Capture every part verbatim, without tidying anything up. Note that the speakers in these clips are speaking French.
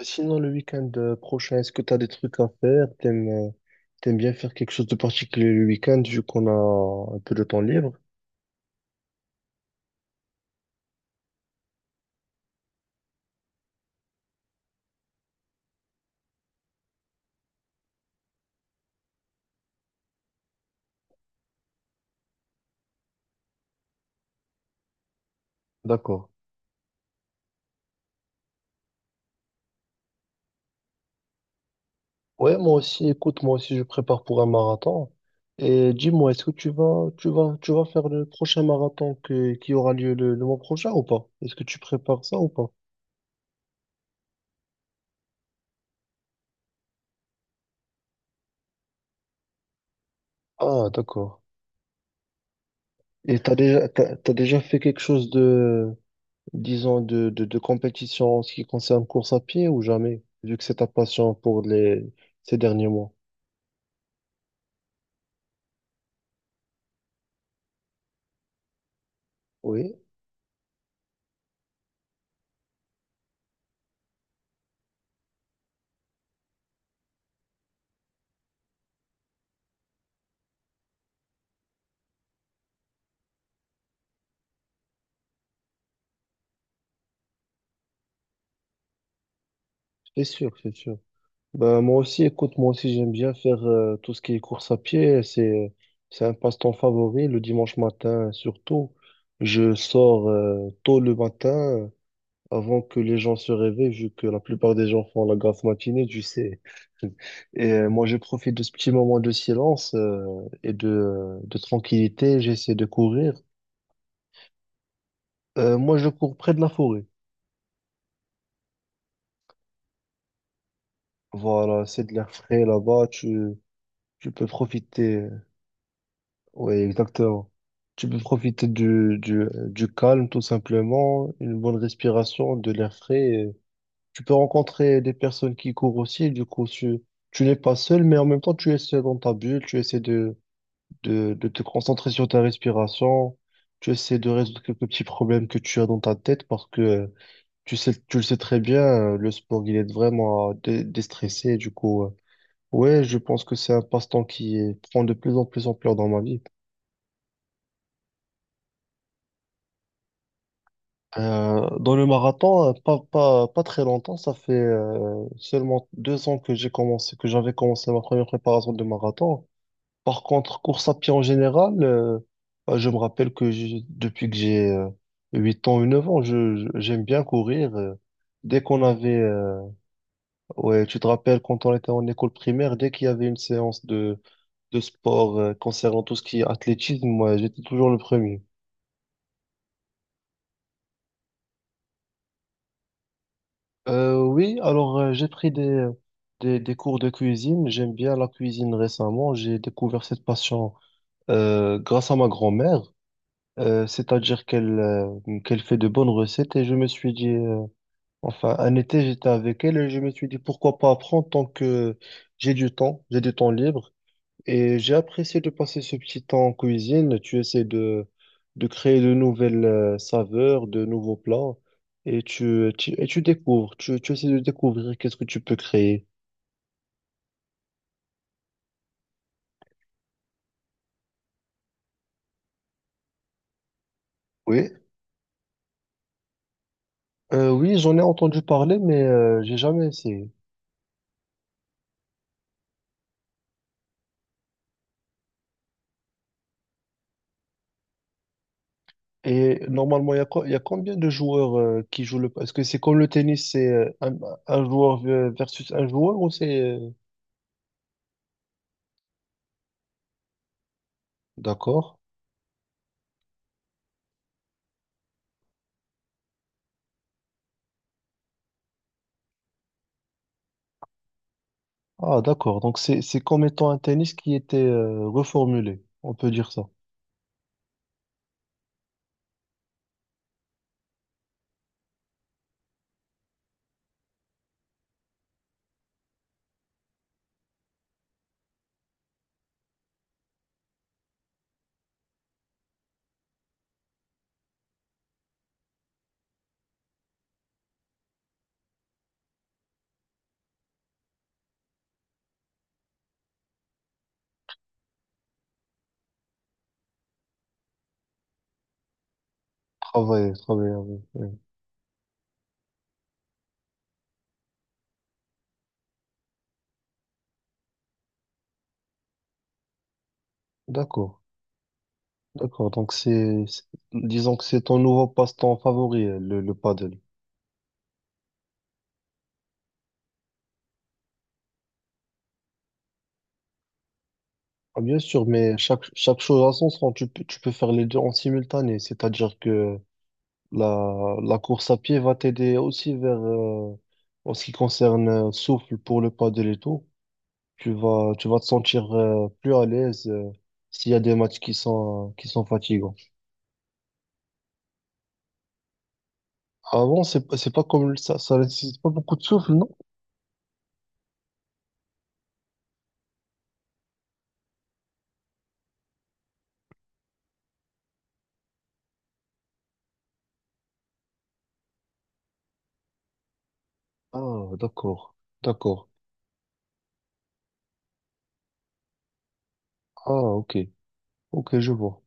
Sinon, le week-end euh, prochain, est-ce que tu as des trucs à faire? T'aimes, euh, t'aimes bien faire quelque chose de particulier le week-end vu qu'on a un peu de temps libre? D'accord. Ouais, moi aussi, écoute, moi aussi, je prépare pour un marathon. Et dis-moi, est-ce que tu vas, tu vas, tu vas faire le prochain marathon que- qui aura lieu le, le mois prochain ou pas? Est-ce que tu prépares ça ou pas? Ah, d'accord. Et t'as déjà, t'as, t'as déjà fait quelque chose de, disons, de, de, de compétition en ce qui concerne course à pied ou jamais, vu que c'est ta passion pour les, ces derniers mois? Oui, c'est sûr, c'est sûr. Ben, moi aussi, écoute, moi aussi, j'aime bien faire euh, tout ce qui est course à pied. C'est, c'est un passe-temps favori. Le dimanche matin, surtout, je sors euh, tôt le matin, avant que les gens se réveillent, vu que la plupart des gens font la grasse matinée, tu sais. Et euh, moi, je profite de ce petit moment de silence euh, et de, de tranquillité. J'essaie de courir. Euh, moi, je cours près de la forêt. Voilà, c'est de l'air frais là-bas. Tu, tu peux profiter. Oui, exactement. Tu peux profiter du, du, du calme, tout simplement, une bonne respiration, de l'air frais. Tu peux rencontrer des personnes qui courent aussi, du coup, tu, tu n'es pas seul, mais en même temps, tu essaies dans ta bulle, tu essaies de, de, de te concentrer sur ta respiration, tu essaies de résoudre quelques petits problèmes que tu as dans ta tête parce que euh, tu sais, tu le sais très bien, euh, le sport, il aide vraiment à dé- déstresser, du coup, euh, ouais, je pense que c'est un passe-temps qui est- prend de plus en plus ampleur dans ma vie. Euh, dans le marathon, euh, pas, pas, pas très longtemps, ça fait euh, seulement deux ans que j'ai commencé, que j'avais commencé ma première préparation de marathon. Par contre, course à pied en général, euh, bah, je me rappelle que j'ai- depuis que j'ai euh, huit ans ou neuf ans, je, je- j'aime bien courir. euh. Dès qu'on avait, euh, ouais, tu te rappelles quand on était en école primaire, dès qu'il y avait une séance de, de, sport euh, concernant tout ce qui est athlétisme, moi, j'étais toujours le premier. Euh, oui, alors euh, j'ai pris des, des, des cours de cuisine. J'aime bien la cuisine récemment. J'ai découvert cette passion euh, grâce à ma grand-mère. Euh, c'est-à-dire qu'elle euh, qu'elle fait de bonnes recettes et je me suis dit, euh, enfin un été j'étais avec elle et je me suis dit pourquoi pas apprendre tant que j'ai du temps, j'ai du temps libre et j'ai apprécié de passer ce petit temps en cuisine. Tu essaies de, de créer de nouvelles euh, saveurs, de nouveaux plats et tu, tu, et tu découvres, tu, tu essaies de découvrir qu'est-ce que tu peux créer. Oui, Euh, oui j'en ai entendu parler mais euh, j'ai jamais essayé. Et normalement, il y a, co- il y a combien de joueurs euh, qui jouent le. Est-ce que c'est comme le tennis, c'est euh, un, un, joueur euh, versus un joueur ou c'est... euh, D'accord. Ah, d'accord. Donc, c'est, c'est comme étant un tennis qui était euh, reformulé. On peut dire ça. Travailler, travailler. Oui, oui. D'accord. D'accord. Donc, c'est, c'est- disons que c'est ton nouveau passe-temps favori, euh, le, le paddle. Ah, bien sûr, mais chaque, chaque chose à son sens, tu peux, tu peux faire les deux en simultané. C'est-à-dire que La, la course à pied va t'aider aussi vers, euh, en ce qui concerne euh, souffle pour le paddle et tout. Tu vas, tu vas te sentir euh, plus à l'aise euh, s'il y a des matchs qui sont, qui sont fatigants. Avant, c'est, pas- c'est pas comme le- ça, ça nécessite pas beaucoup de souffle, non? Ah, d'accord, d'accord. Ah, ok, ok, je vois.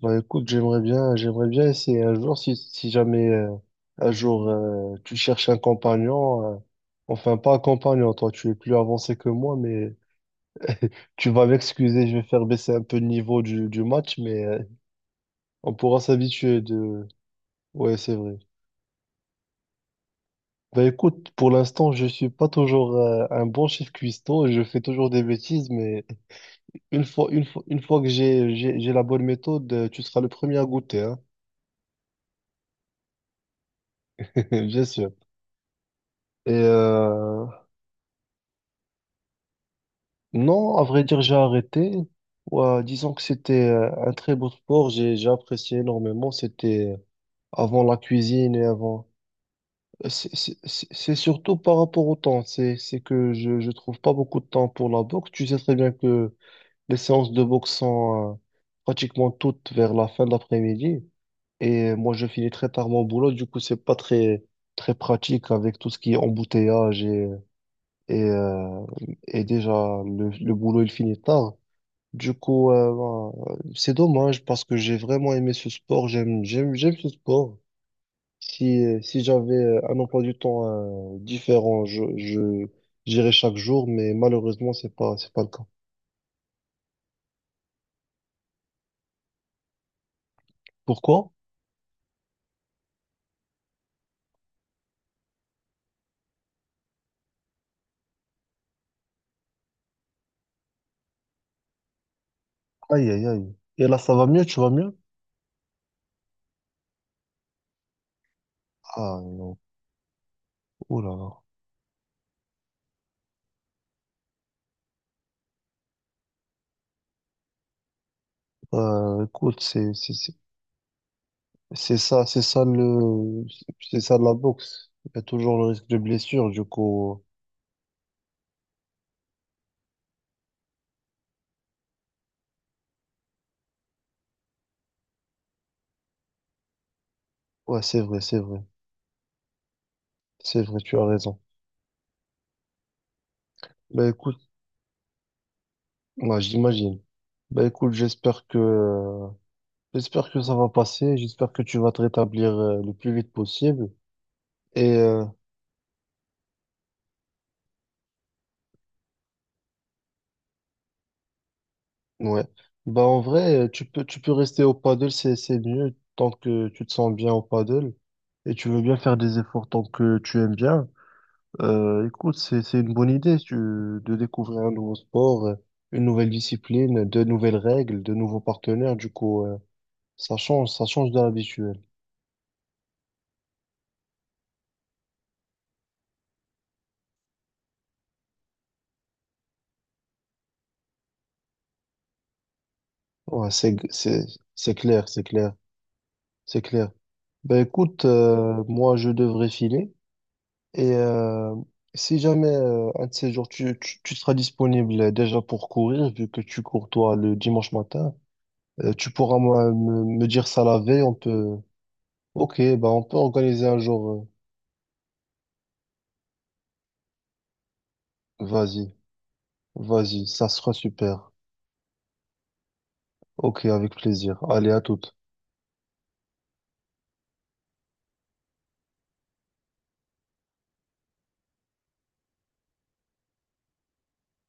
Bah écoute, j'aimerais bien, j'aimerais bien essayer un jour si, si jamais euh, un jour euh, tu cherches un compagnon, euh, enfin pas un compagnon, toi tu es plus avancé que moi, mais tu vas m'excuser, je vais faire baisser un peu le niveau du, du match, mais euh, on pourra s'habituer de. Ouais, c'est vrai. Bah écoute, pour l'instant, je suis pas toujours euh, un bon chef cuistot, je fais toujours des bêtises, mais une fois, une fois, une fois que j'ai, j'ai, j'ai la bonne méthode, euh, tu seras le premier à goûter, hein. Bien sûr. Et euh, non, à vrai dire, j'ai arrêté. Ouais, disons que c'était euh, un très beau sport, j'ai, j'ai apprécié énormément, c'était euh, avant la cuisine et avant. C'est c'est- c'est- c'est surtout par rapport au temps. C'est c'est que je ne trouve pas beaucoup de temps pour la boxe. Tu sais très bien que les séances de boxe sont euh, pratiquement toutes vers la fin de l'après-midi. Et moi, je finis très tard mon boulot. Du coup, c'est pas très, très pratique avec tout ce qui est embouteillage et, et, euh, et déjà le, le boulot, il finit tard. Du coup, euh, euh, c'est dommage parce que j'ai vraiment aimé ce sport. J'aime, j'aime, j'aime ce sport. Si, euh, si j'avais euh, un emploi du temps euh, différent, je, je, j'irais chaque jour, mais malheureusement, c'est pas, c'est pas le cas. Pourquoi? Aïe, aïe, aïe. Et là, ça va mieux, tu vas mieux? Ah, oh là là. Euh, écoute, c'est, c'est, c'est c'est ça, c'est ça le, c'est ça de la boxe. Il y a toujours le risque de blessure, du coup. Ouais, c'est vrai, c'est vrai. C'est vrai, tu as raison. Bah écoute, ouais, j'imagine. Bah écoute, j'espère que, j'espère que ça va passer. J'espère que tu vas te rétablir euh, le plus vite possible. Et euh, ouais, bah en vrai, euh, tu peux tu peux rester au paddle, c'est c'est mieux tant que tu te sens bien au paddle et tu veux bien faire des efforts tant que tu aimes bien. Euh, écoute, c'est c'est une bonne idée si tu, de découvrir un nouveau sport, euh, une nouvelle discipline, de nouvelles règles, de nouveaux partenaires. Du coup, euh, ça change, ça change de l'habituel. Ouais, c'est c'est c'est clair, c'est clair, c'est clair. Bah écoute, euh, moi je devrais filer. Et euh, Si jamais euh, un de ces jours, tu, tu, tu seras disponible déjà pour courir, vu que tu cours toi le dimanche matin, euh, tu pourras moi, me, me dire ça la veille, on peut. Ok, bah on peut organiser un jour. euh, Vas-y, vas-y, ça sera super. Ok, avec plaisir. Allez, à toutes.